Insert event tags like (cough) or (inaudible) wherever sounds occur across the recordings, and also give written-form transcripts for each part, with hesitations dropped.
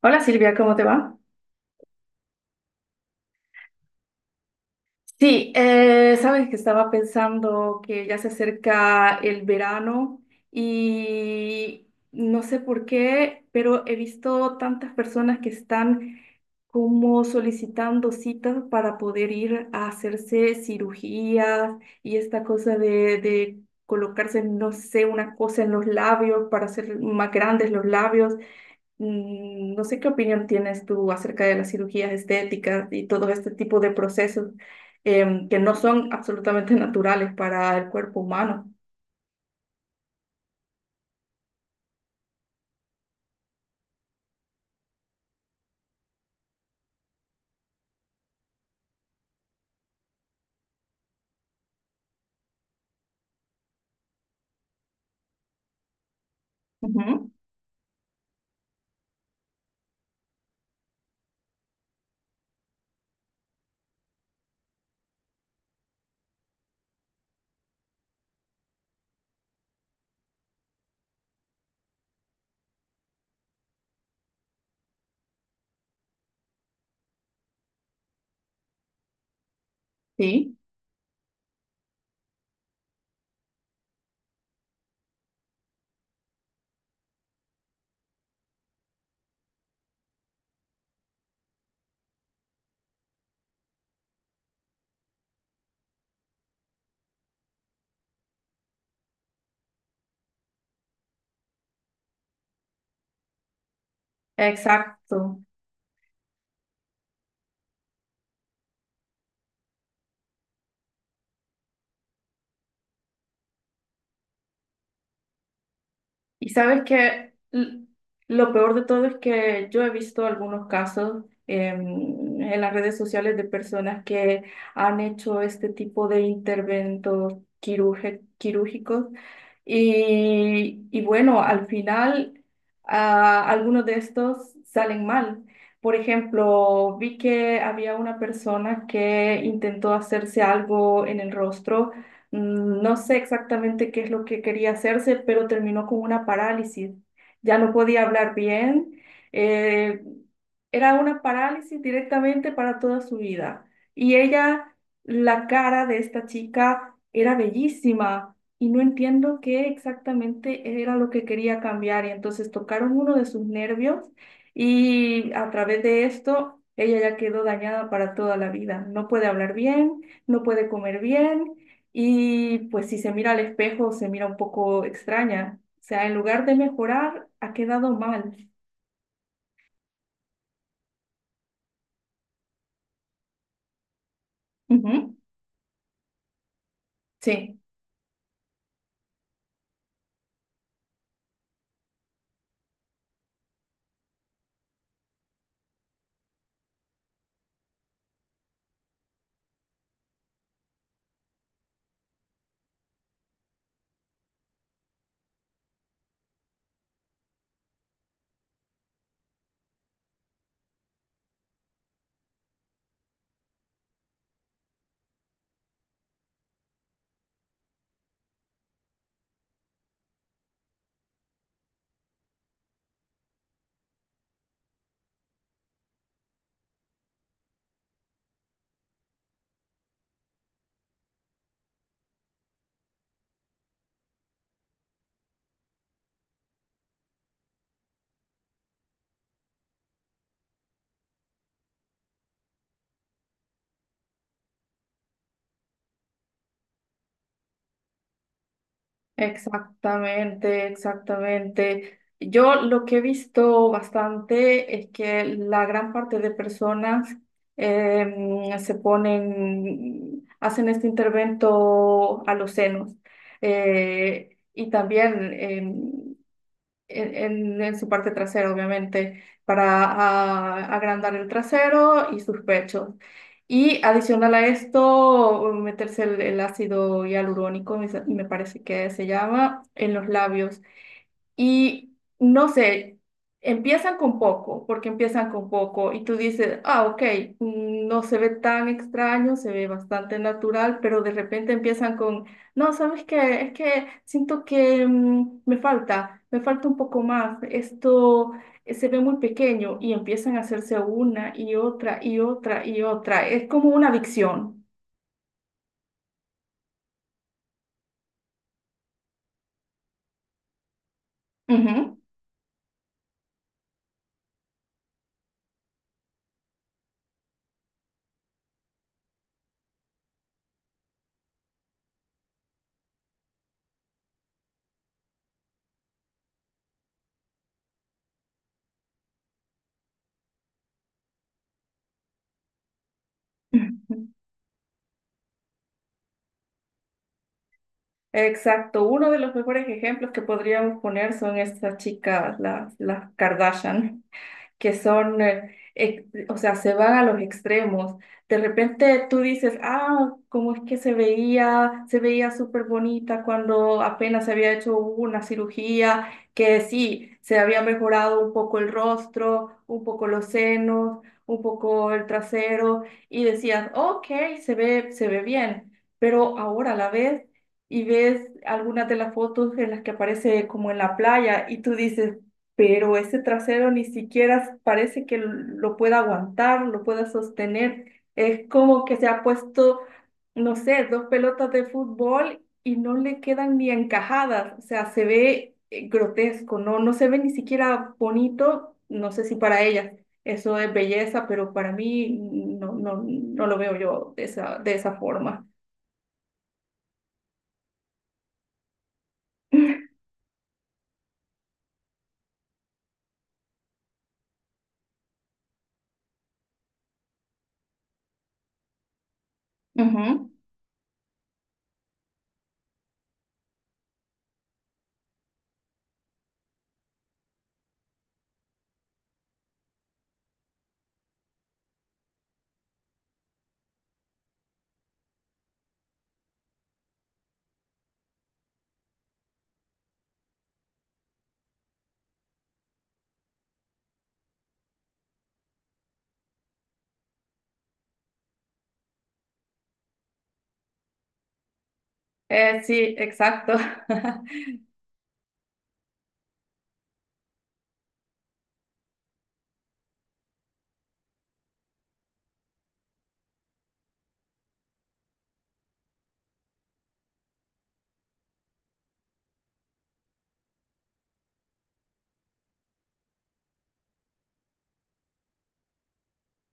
Hola Silvia, ¿cómo te va? Sí, sabes que estaba pensando que ya se acerca el verano y no sé por qué, pero he visto tantas personas que están como solicitando citas para poder ir a hacerse cirugías y esta cosa de colocarse, no sé, una cosa en los labios para hacer más grandes los labios. No sé qué opinión tienes tú acerca de las cirugías estéticas y todo este tipo de procesos que no son absolutamente (laughs) naturales para el cuerpo humano. Ujú. Sí, exacto. Y sabes que lo peor de todo es que yo he visto algunos casos en las redes sociales de personas que han hecho este tipo de interventos quirúrgicos y, bueno, al final algunos de estos salen mal. Por ejemplo, vi que había una persona que intentó hacerse algo en el rostro. No sé exactamente qué es lo que quería hacerse, pero terminó con una parálisis. Ya no podía hablar bien. eh, Era una parálisis directamente para toda su vida. Y ella, la cara de esta chica era bellísima y no entiendo qué exactamente era lo que quería cambiar. Y entonces tocaron uno de sus nervios y a través de esto, ella ya quedó dañada para toda la vida. No puede hablar bien, no puede comer bien y pues si se mira al espejo, se mira un poco extraña. O sea, en lugar de mejorar, ha quedado mal. Ujú. Sí, exactamente, exactamente. Yo lo que he visto bastante es que la gran parte de personas se ponen, hacen este intervento a los senos. Y también, en su parte trasera, obviamente, para agrandar el trasero y sus pechos. Y adicional a esto, meterse el ácido hialurónico, me parece que se llama, en los labios. Y no sé, empiezan con poco, porque empiezan con poco y tú dices, ah, ok, no se ve tan extraño, se ve bastante natural, pero de repente empiezan con, no, ¿sabes qué? Es que siento que me falta un poco más, esto se ve muy pequeño y empiezan a hacerse una y otra y otra y otra. Es como una adicción. Ujú. (laughs) Exacto, uno de los mejores ejemplos que podríamos poner son estas chicas, las Kardashian que son, o sea, se van a los extremos. De repente tú dices, ah, cómo es que se veía súper bonita cuando apenas se había hecho una cirugía, que sí, se había mejorado un poco el rostro, un poco los senos, un poco el trasero, y decías, ok, se ve bien, pero ahora la ves y ves algunas de las fotos en las que aparece como en la playa y tú dices, pero ese trasero ni siquiera parece que lo pueda aguantar, lo pueda sostener. Es como que se ha puesto, no sé, dos pelotas de fútbol y no le quedan ni encajadas. O sea, se ve grotesco, no, no se ve ni siquiera bonito. No sé si para ellas eso es belleza, pero para mí no, no, no lo veo yo de esa forma. Ujú. Sí, exacto.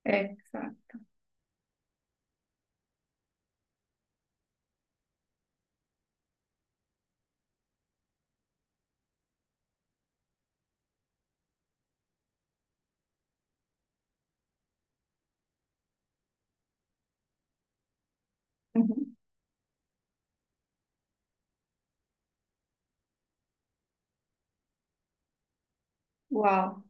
(laughs) Exacto. Ujú. Wow.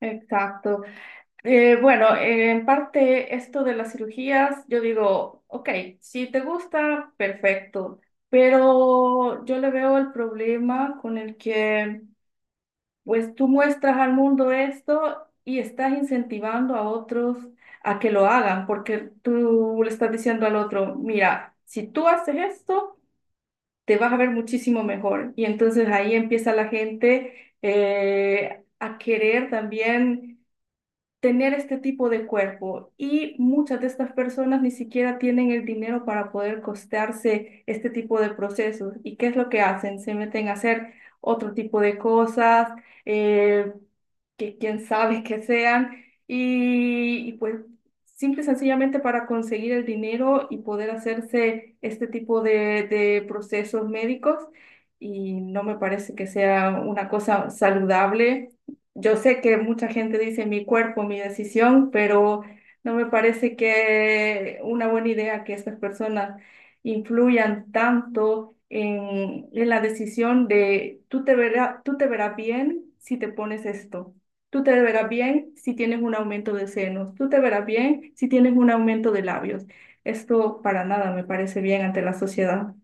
Exacto. Bueno, en parte esto de las cirugías, yo digo, ok, si te gusta, perfecto, pero yo le veo el problema con el que pues tú muestras al mundo esto y estás incentivando a otros a que lo hagan, porque tú le estás diciendo al otro, mira, si tú haces esto, te vas a ver muchísimo mejor. Y entonces ahí empieza la gente a querer también tener este tipo de cuerpo y muchas de estas personas ni siquiera tienen el dinero para poder costearse este tipo de procesos. ¿Y qué es lo que hacen? Se meten a hacer otro tipo de cosas, eh, que quién sabe que sean, y pues simple y sencillamente para conseguir el dinero y poder hacerse este tipo de procesos médicos, y no me parece que sea una cosa saludable. Yo sé que mucha gente dice mi cuerpo, mi decisión, pero no me parece que una buena idea que estas personas influyan tanto en la decisión de tú te verás bien si te pones esto. Tú te verás bien si tienes un aumento de senos. Tú te verás bien si tienes un aumento de labios. Esto para nada me parece bien ante la sociedad.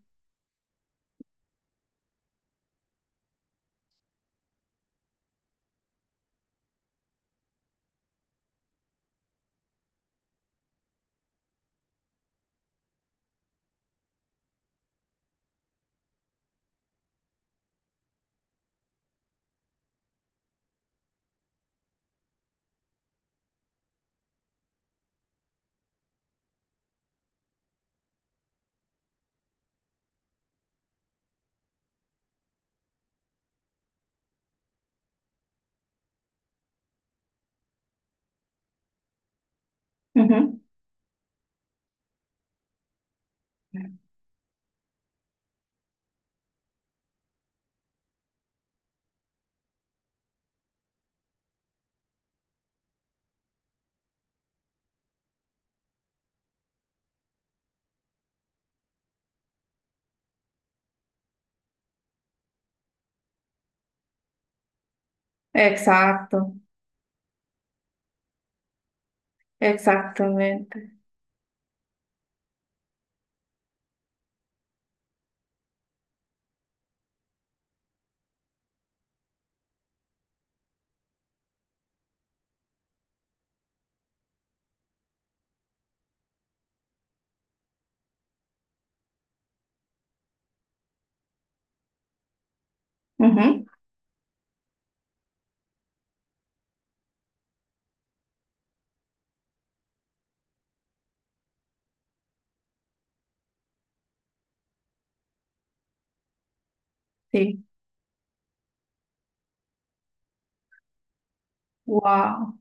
Ujú. Exacto, exactamente. Ujú, Sí. Wow.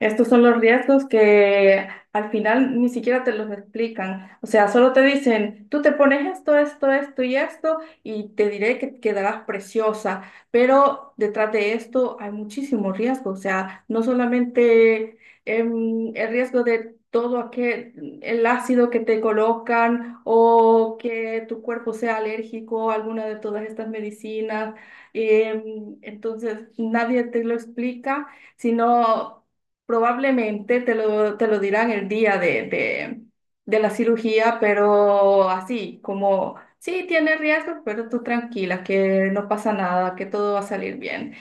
Estos son los riesgos que al final ni siquiera te los explican. O sea, solo te dicen, tú te pones esto, esto, esto y esto, y te diré que quedarás preciosa. Pero detrás de esto hay muchísimo riesgo. O sea, no solamente el riesgo de todo aquel, el ácido que te colocan o que tu cuerpo sea alérgico a alguna de todas estas medicinas. Entonces, nadie te lo explica sino probablemente te lo dirán el día de la cirugía, pero así, como, sí, tiene riesgos, pero tú tranquila, que no pasa nada, que todo va a salir bien.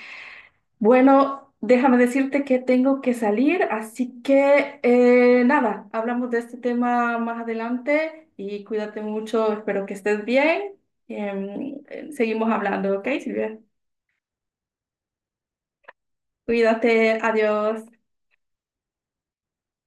Bueno, déjame decirte que tengo que salir, así que nada, hablamos de este tema más adelante y cuídate mucho, espero que estés bien. Seguimos hablando, ¿ok, Silvia? Cuídate, adiós.